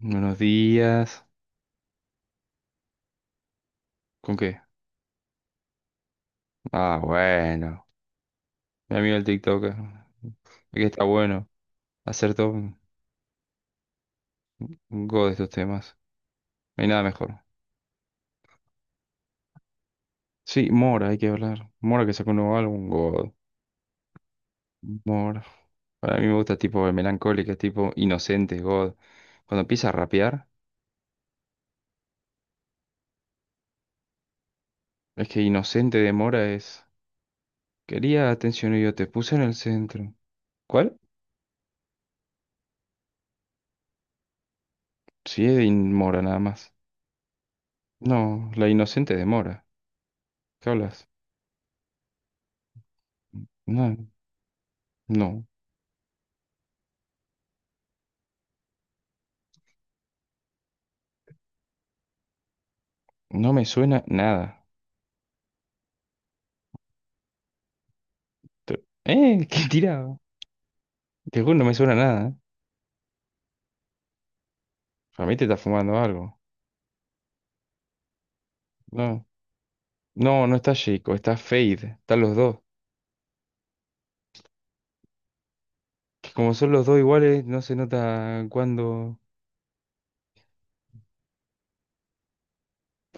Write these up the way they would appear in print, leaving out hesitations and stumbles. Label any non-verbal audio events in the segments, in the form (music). Buenos días. ¿Con qué? Ah, bueno. Mi amigo el TikToker. Ve que está bueno. Acertó un God de estos temas. No hay nada mejor. Sí, Mora, hay que hablar. Mora que sacó un nuevo álbum, God. Mora. Para mí me gusta tipo de melancólica, tipo inocente, God. Cuando empieza a rapear, es que inocente de Mora es. Quería atención y yo te puse en el centro. ¿Cuál? Sí, es de Mora nada más. No, la inocente de Mora. ¿Qué hablas? No, no. No me suena nada. ¿Eh? (laughs) ¿Qué tirado? Te juro, no me suena nada. ¿Eh? Para mí te está fumando algo. No. No, no está chico, está Fade. Están los dos. Que como son los dos iguales, no se nota cuándo.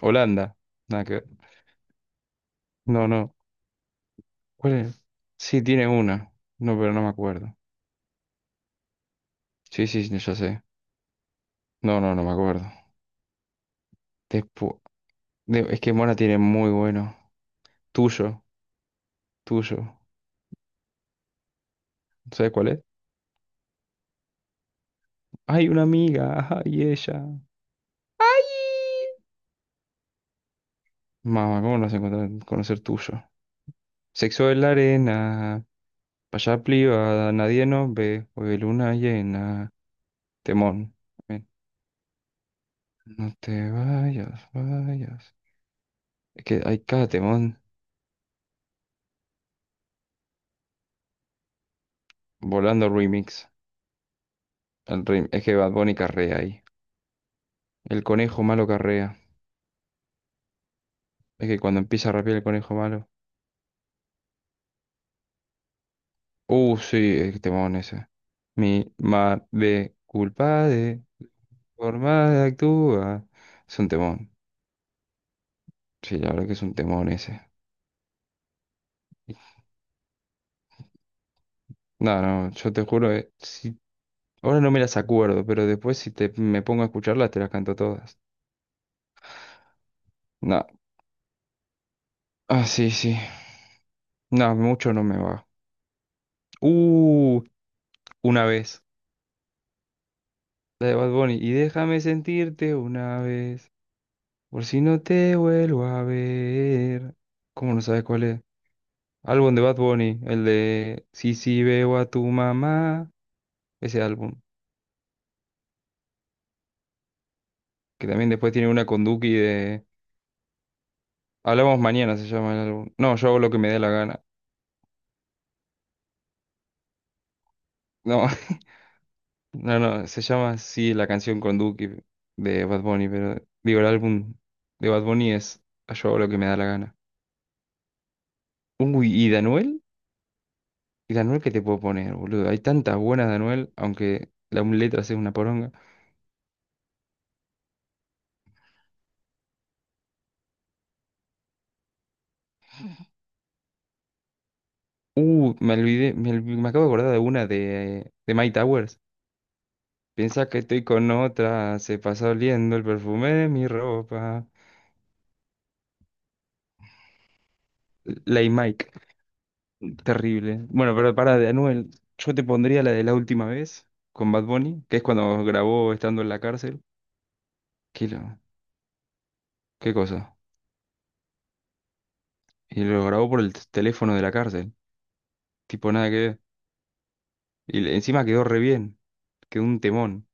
Holanda. Nada que ver. No, no. ¿Cuál es? Sí, tiene una. No, pero no me acuerdo. Sí, sí, sí, ya sé. No, no, no me acuerdo. Despu- Es que Mona tiene muy bueno. Tuyo, tuyo. ¿Sabes cuál es? Hay una amiga, ajá, y ella. Mamá, ¿cómo no vas a conocer tuyo? Sexo en la arena, pa' allá privada, nadie nos ve, hoy luna llena, temón. Ven, no te vayas. Es que hay cada temón. Volando remix. Es que Bad Bunny carrea ahí. El conejo malo carrea. Es que cuando empieza a rapear el conejo malo. Sí, el temón ese. Mi madre culpa de forma de actúa. Es un temón. Sí, la verdad que es un temón ese. No, no, yo te juro, si ahora no me las acuerdo, pero después, si me pongo a escucharlas, te las canto todas. No. Ah, sí, sí. No, mucho no me va. Uh, una vez. La de Bad Bunny. Y déjame sentirte una vez. Por si no te vuelvo a ver. ¿Cómo no sabes cuál es? Álbum de Bad Bunny. El de sí, sí, veo a tu mamá. Ese álbum. Que también después tiene una con Duki de... Hablamos mañana se llama el álbum. No, yo hago lo que me dé la gana. No. No, no, se llama así la canción con Duki de Bad Bunny, pero digo, el álbum de Bad Bunny es Yo Hago Lo Que Me Da La Gana. Uy, ¿y Danuel? ¿Y Danuel qué te puedo poner, boludo? Hay tantas buenas de Anuel, aunque la un letra sea una poronga. Me olvidé, me acabo de acordar de una de Mike Towers. Piensa que estoy con otra, se pasa oliendo el perfume de mi ropa. Lay Mike. Terrible. Bueno, pero para de Anuel, yo te pondría la de la última vez con Bad Bunny, que es cuando grabó estando en la cárcel. ¿Qué, qué cosa? Y lo grabó por el teléfono de la cárcel. Tipo, nada que ver. Y encima quedó re bien. Quedó un temón.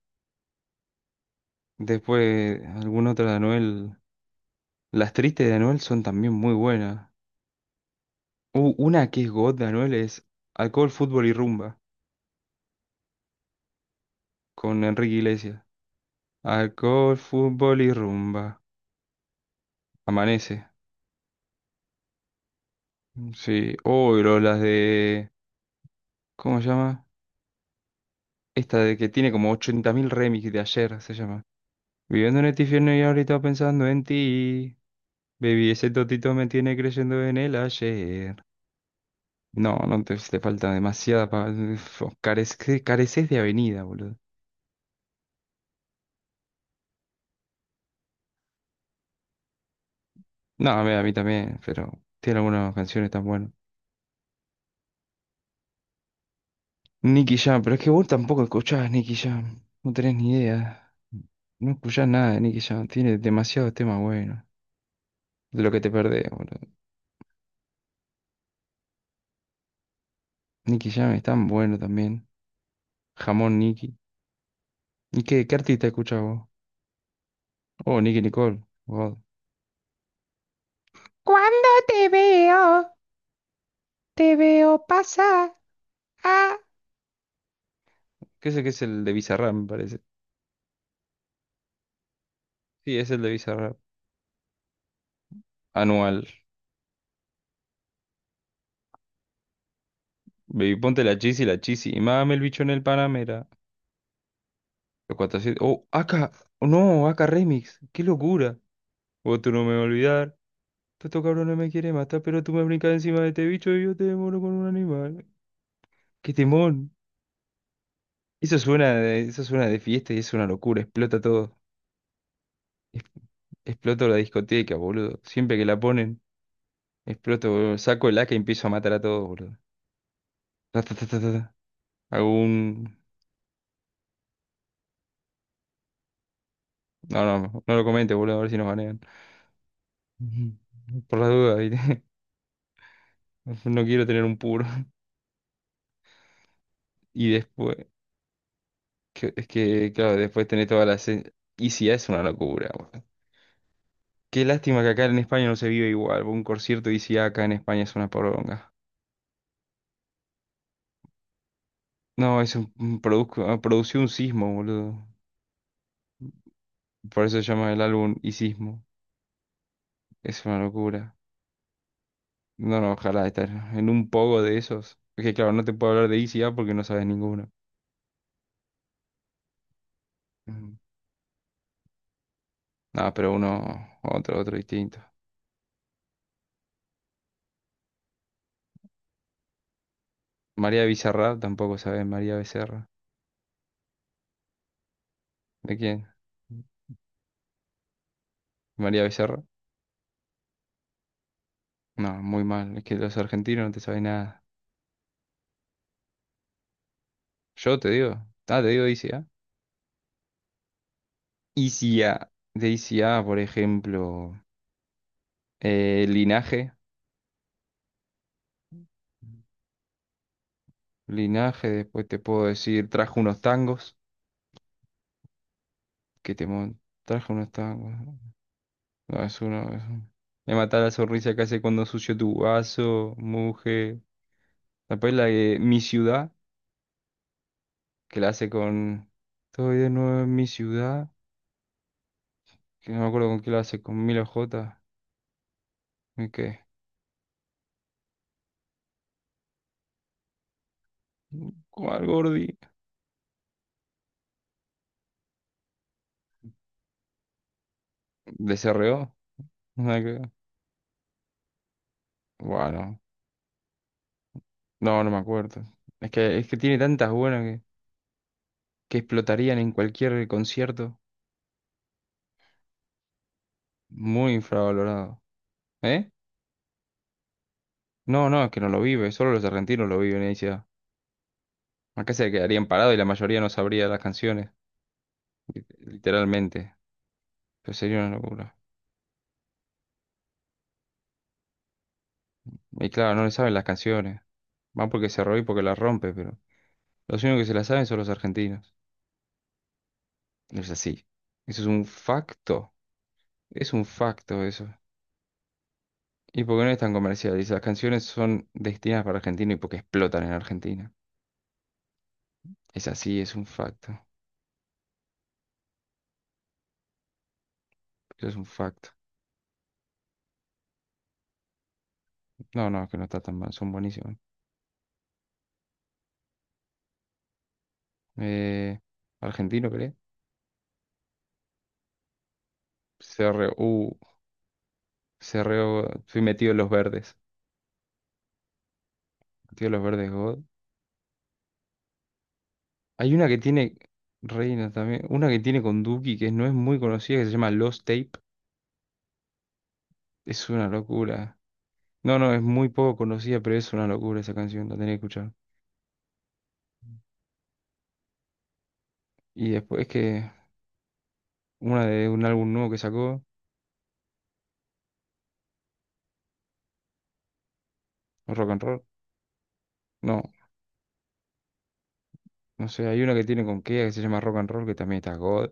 Después, alguna otra de Anuel. Las tristes de Anuel son también muy buenas. Una que es God de Anuel es Alcohol, Fútbol y Rumba con Enrique Iglesias. Alcohol, Fútbol y Rumba. Amanece. Sí. Oh, pero las de. ¿Cómo se llama? Esta de que tiene como 80.000 remix de ayer, se llama. Viviendo en el infierno y ahorita pensando en ti. Baby, ese totito me tiene creyendo en el ayer. No, si te falta demasiada. Uf, careces, careces de avenida, boludo. No, a mí también, pero tiene algunas canciones tan buenas. Nicky Jam, pero es que vos tampoco escuchás Nicky Jam. No tenés ni idea. No escuchás nada de Nicky Jam. Tiene demasiados temas buenos. De lo que te perdés, boludo. Nicky Jam es tan bueno también. Jamón Nicky. ¿Y qué artista escuchas vos? Oh, Nicky Nicole. Wow. Cuando te veo, te veo pasar. Ah, ¿qué es el de Bizarrap, me parece? Sí, es el de Bizarrap. Anual. Baby, ponte la chisi, la chisi. Y mame el bicho en el Panamera. Los 400. Oh, acá. Oh, no, acá Remix. ¡Qué locura! Vos tú no me vas a olvidar. Tú estos no me quieren matar, pero tú me brincas encima de este bicho y yo te demoro con un animal. ¡Qué temón! Eso suena de fiesta y es una locura. Explota todo. Es- Exploto la discoteca, boludo. Siempre que la ponen, exploto, boludo. Saco el AK y empiezo a matar a todos, boludo. Ta, ta, ta, ta, ta, ta. Hago un... No, no, no lo comentes, boludo, a ver si nos banean. (laughs) Ujú. Por la duda, ¿viste? (laughs) No quiero tener un puro. Y después, es que, claro, después tenés todas las... ICA es una locura, boludo. Qué lástima que acá en España no se vive igual. Un concierto de ICA acá en España es una poronga. No, es un produció un sismo, boludo. Por eso se llama el álbum Y Sismo. Es una locura. No, no, ojalá estar en un poco de esos. Porque claro, no te puedo hablar de ICA porque no sabes ninguno. Ujú. Nada, pero uno, otro distinto. María Bizarra, tampoco sabes María Becerra. ¿De quién? María Becerra. No, muy mal. Es que los argentinos no te saben nada. Yo te digo. Ah, te digo de ICA. ICA. De ICA, por ejemplo. Linaje. Linaje, después te puedo decir, trajo unos tangos. Trajo unos tangos, ¿no? No, es uno. Es uno. Me mata la sonrisa que hace cuando sucio tu vaso, mujer. Después la de Mi Ciudad, que la hace con. Estoy de nuevo en mi ciudad. Que no me acuerdo con qué la hace, con Milo J. ¿Y qué? ¿Cuál, gordi? ¿De CRO? Nada que ver. Bueno, no, no me acuerdo. Es que tiene tantas buenas que explotarían en cualquier concierto. Muy infravalorado. ¿Eh? No, no, es que no lo vive, solo los argentinos lo viven. Acá se quedarían parados y la mayoría no sabría las canciones, literalmente. Pero sería una locura. Y claro, no le saben las canciones. Van porque se roba y porque las rompe, pero los únicos que se las saben son los argentinos. No es así. Eso es un facto. Es un facto eso. Y porque no es tan comercial. Y las canciones son destinadas para Argentina y porque explotan en Argentina. Es así, es un facto. Eso es un facto. No, no, que no está tan mal. Son buenísimos. Eh, ¿argentino, crees? C R U CRU. CRU. Fui metido en los verdes. Tío, los verdes God. Hay una que tiene Reina también. Una que tiene con Duki, que no es muy conocida, que se llama Lost Tape. Es una locura. No, no, es muy poco conocida, pero es una locura esa canción, la tenés que escuchar. Y después que una de un álbum nuevo que sacó, Rock and Roll. No, no sé, hay una que tiene con Kea que se llama Rock and Roll, que también está God,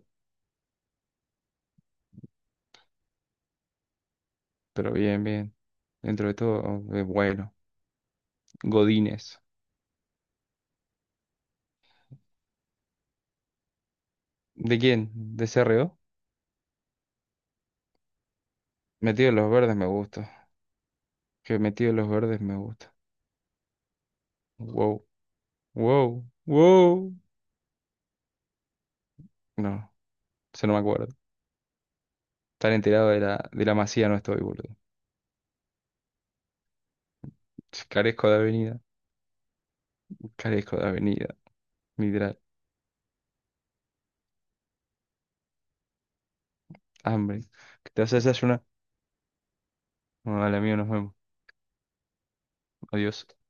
pero bien, bien. Dentro de todo, es bueno. Godines. ¿De quién? ¿De C. CRO? Metido en los verdes me gusta. Que metido en los verdes me gusta. Wow. Wow, wow. No, eso no me acuerdo. Tan enterado de la, masía no estoy, boludo. Carezco de avenida, carezco de avenida, literal. Hambre. ¿Qué te vas a desayunar? Bueno, dale, amigo, nos vemos. Adiós.